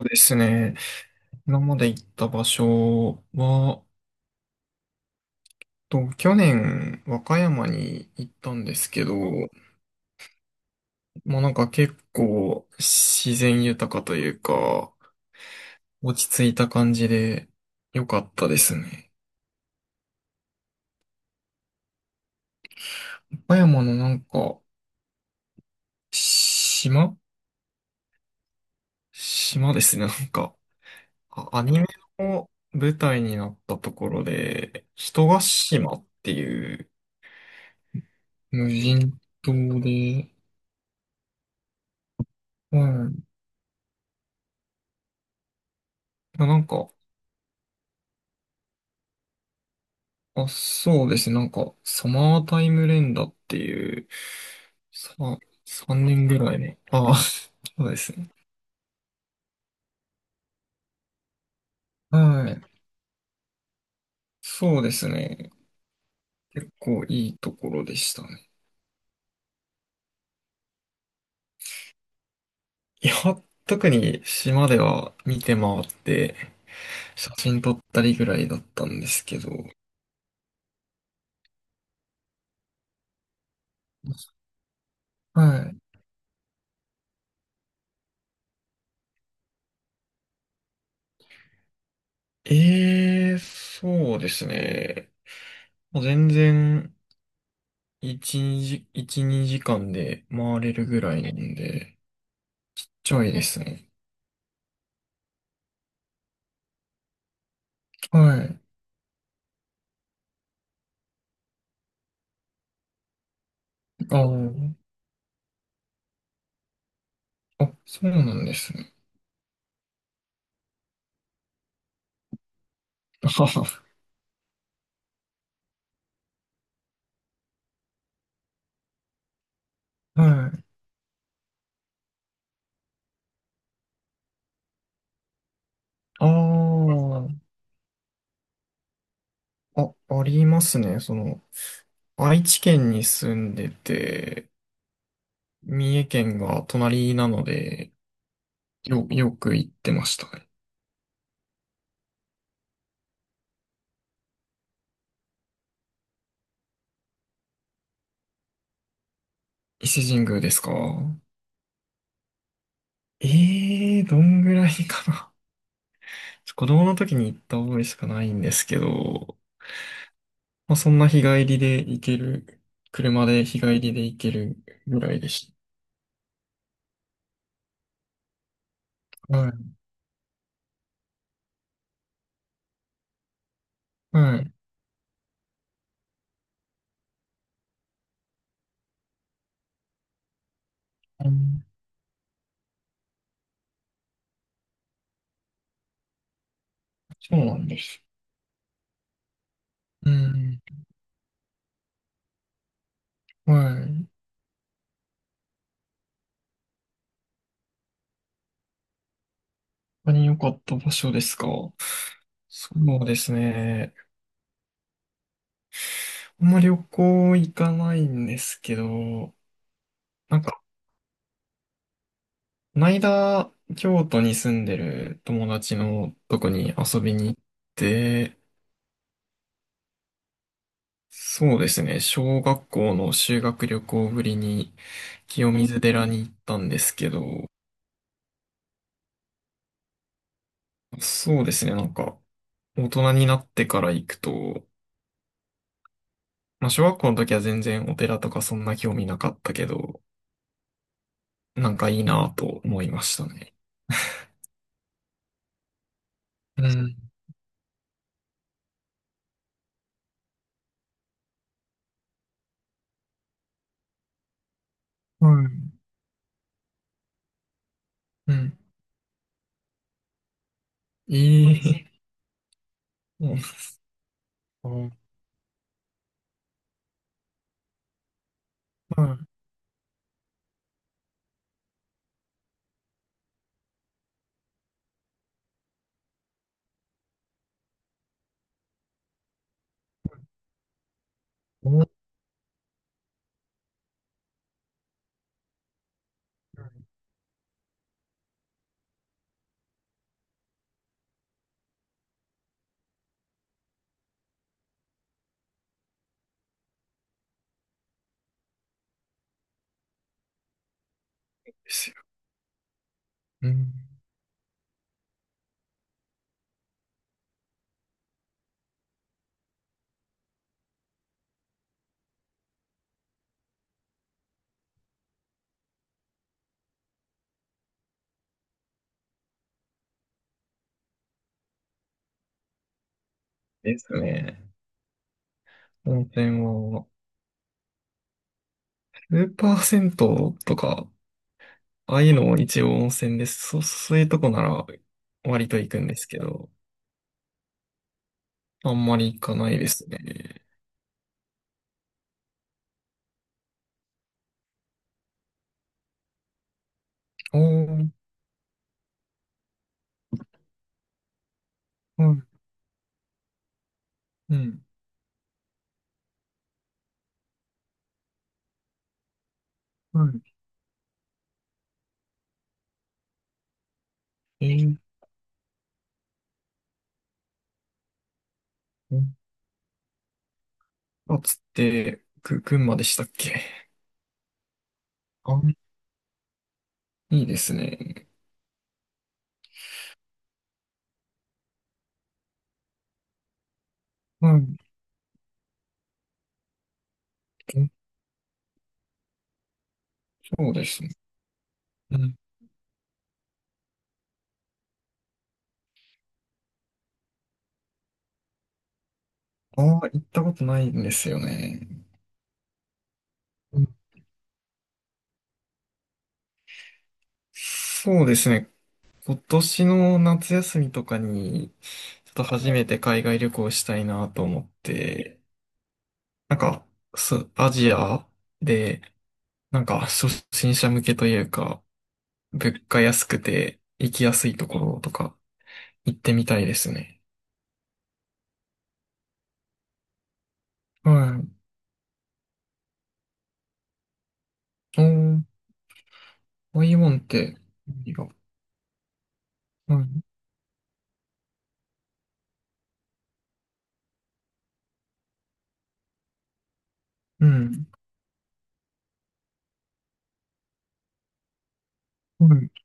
そうですね。今まで行った場所は、去年、和歌山に行ったんですけど、まあなんか結構自然豊かというか、落ち着いた感じで良かったですね。和歌山のなんか、島島ですね。なんか、アニメの舞台になったところで、人が島っていう無人島で、うん。なんか、そうですね。なんか、サマータイム連打っていう、さ、3年ぐらいね。ああ、そうですね。はい。そうですね。結構いいところでしたね。いや、特に島では見て回って、写真撮ったりぐらいだったんですけど。はい。ええ、そうですね。もう全然、1、2時間で回れるぐらいなんで、ちょいですね。はい。ああ、そうなんですね。はははい。ああ、ありますね。その、愛知県に住んでて、三重県が隣なので、よく行ってましたね。伊勢神宮ですか？ええー、どんぐらいかな。子供の時に行った覚えしかないんですけど、まあ、そんな日帰りで行ける、車で日帰りで行けるぐらいでした。はい。はい。うん、そうなんです。うん。はい。他に良かった場所ですか？そうですね。あんまり旅行行かないんですけど、なんか、この間、京都に住んでる友達のとこに遊びに行って、そうですね。小学校の修学旅行ぶりに清水寺に行ったんですけど、そうですね。なんか、大人になってから行くと、まあ、小学校の時は全然お寺とかそんな興味なかったけど、なんかいいなと思いましたね。うん。はい。うん。いい。うん。そう、はい、そうですよ。うん。ですね。温泉は、スーパー銭湯とか、ああいうのも一応温泉です。そういうとこなら割と行くんですけど、あんまり行かないですね。おー、う、はい。うん。はい。うん、あつって、群馬でしたっけ？あ、いいですね。はい。うん、そうですね。うん、ああ、行ったことないんですよね。うん、そうですね。今年の夏休みとかに、ちょっと初めて海外旅行したいなと思って、なんか、アジアで、なんか、初心者向けというか、物価安くて行きやすいところとか行ってみたいですね。はい。おー、ああいうんって、いいよ、はい。うん。は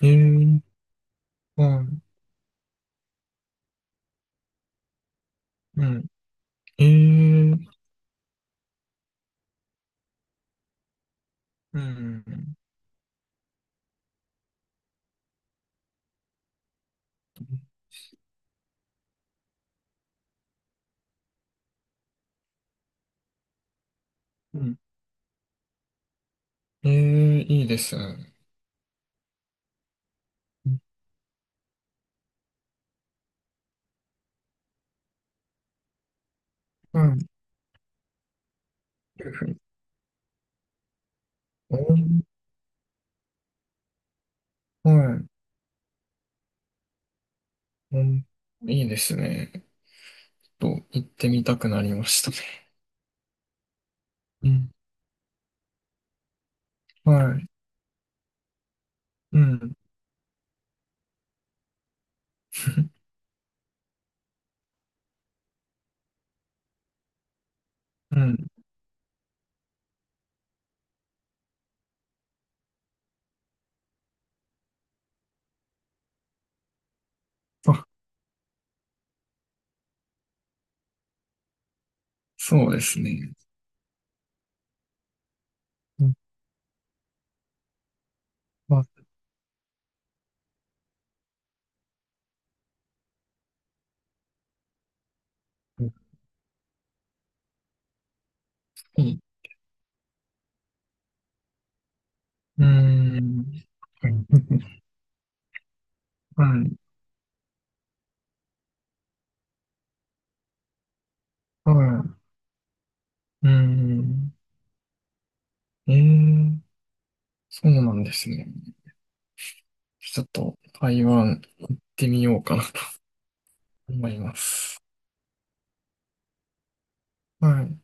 い。はい。うん。えー、うん。うん。ええ、いいですね。うん。いうふうに、う、はい。うん、いいですね。ちょっと、行ってみたくなりましたね。うん。はい。うん。うん。あ、そうですね。うん。まあ、いい。うーん。はい。はい。うーん。ええ、そうなんですね。ちょっと、台湾行ってみようかなと思います。はい。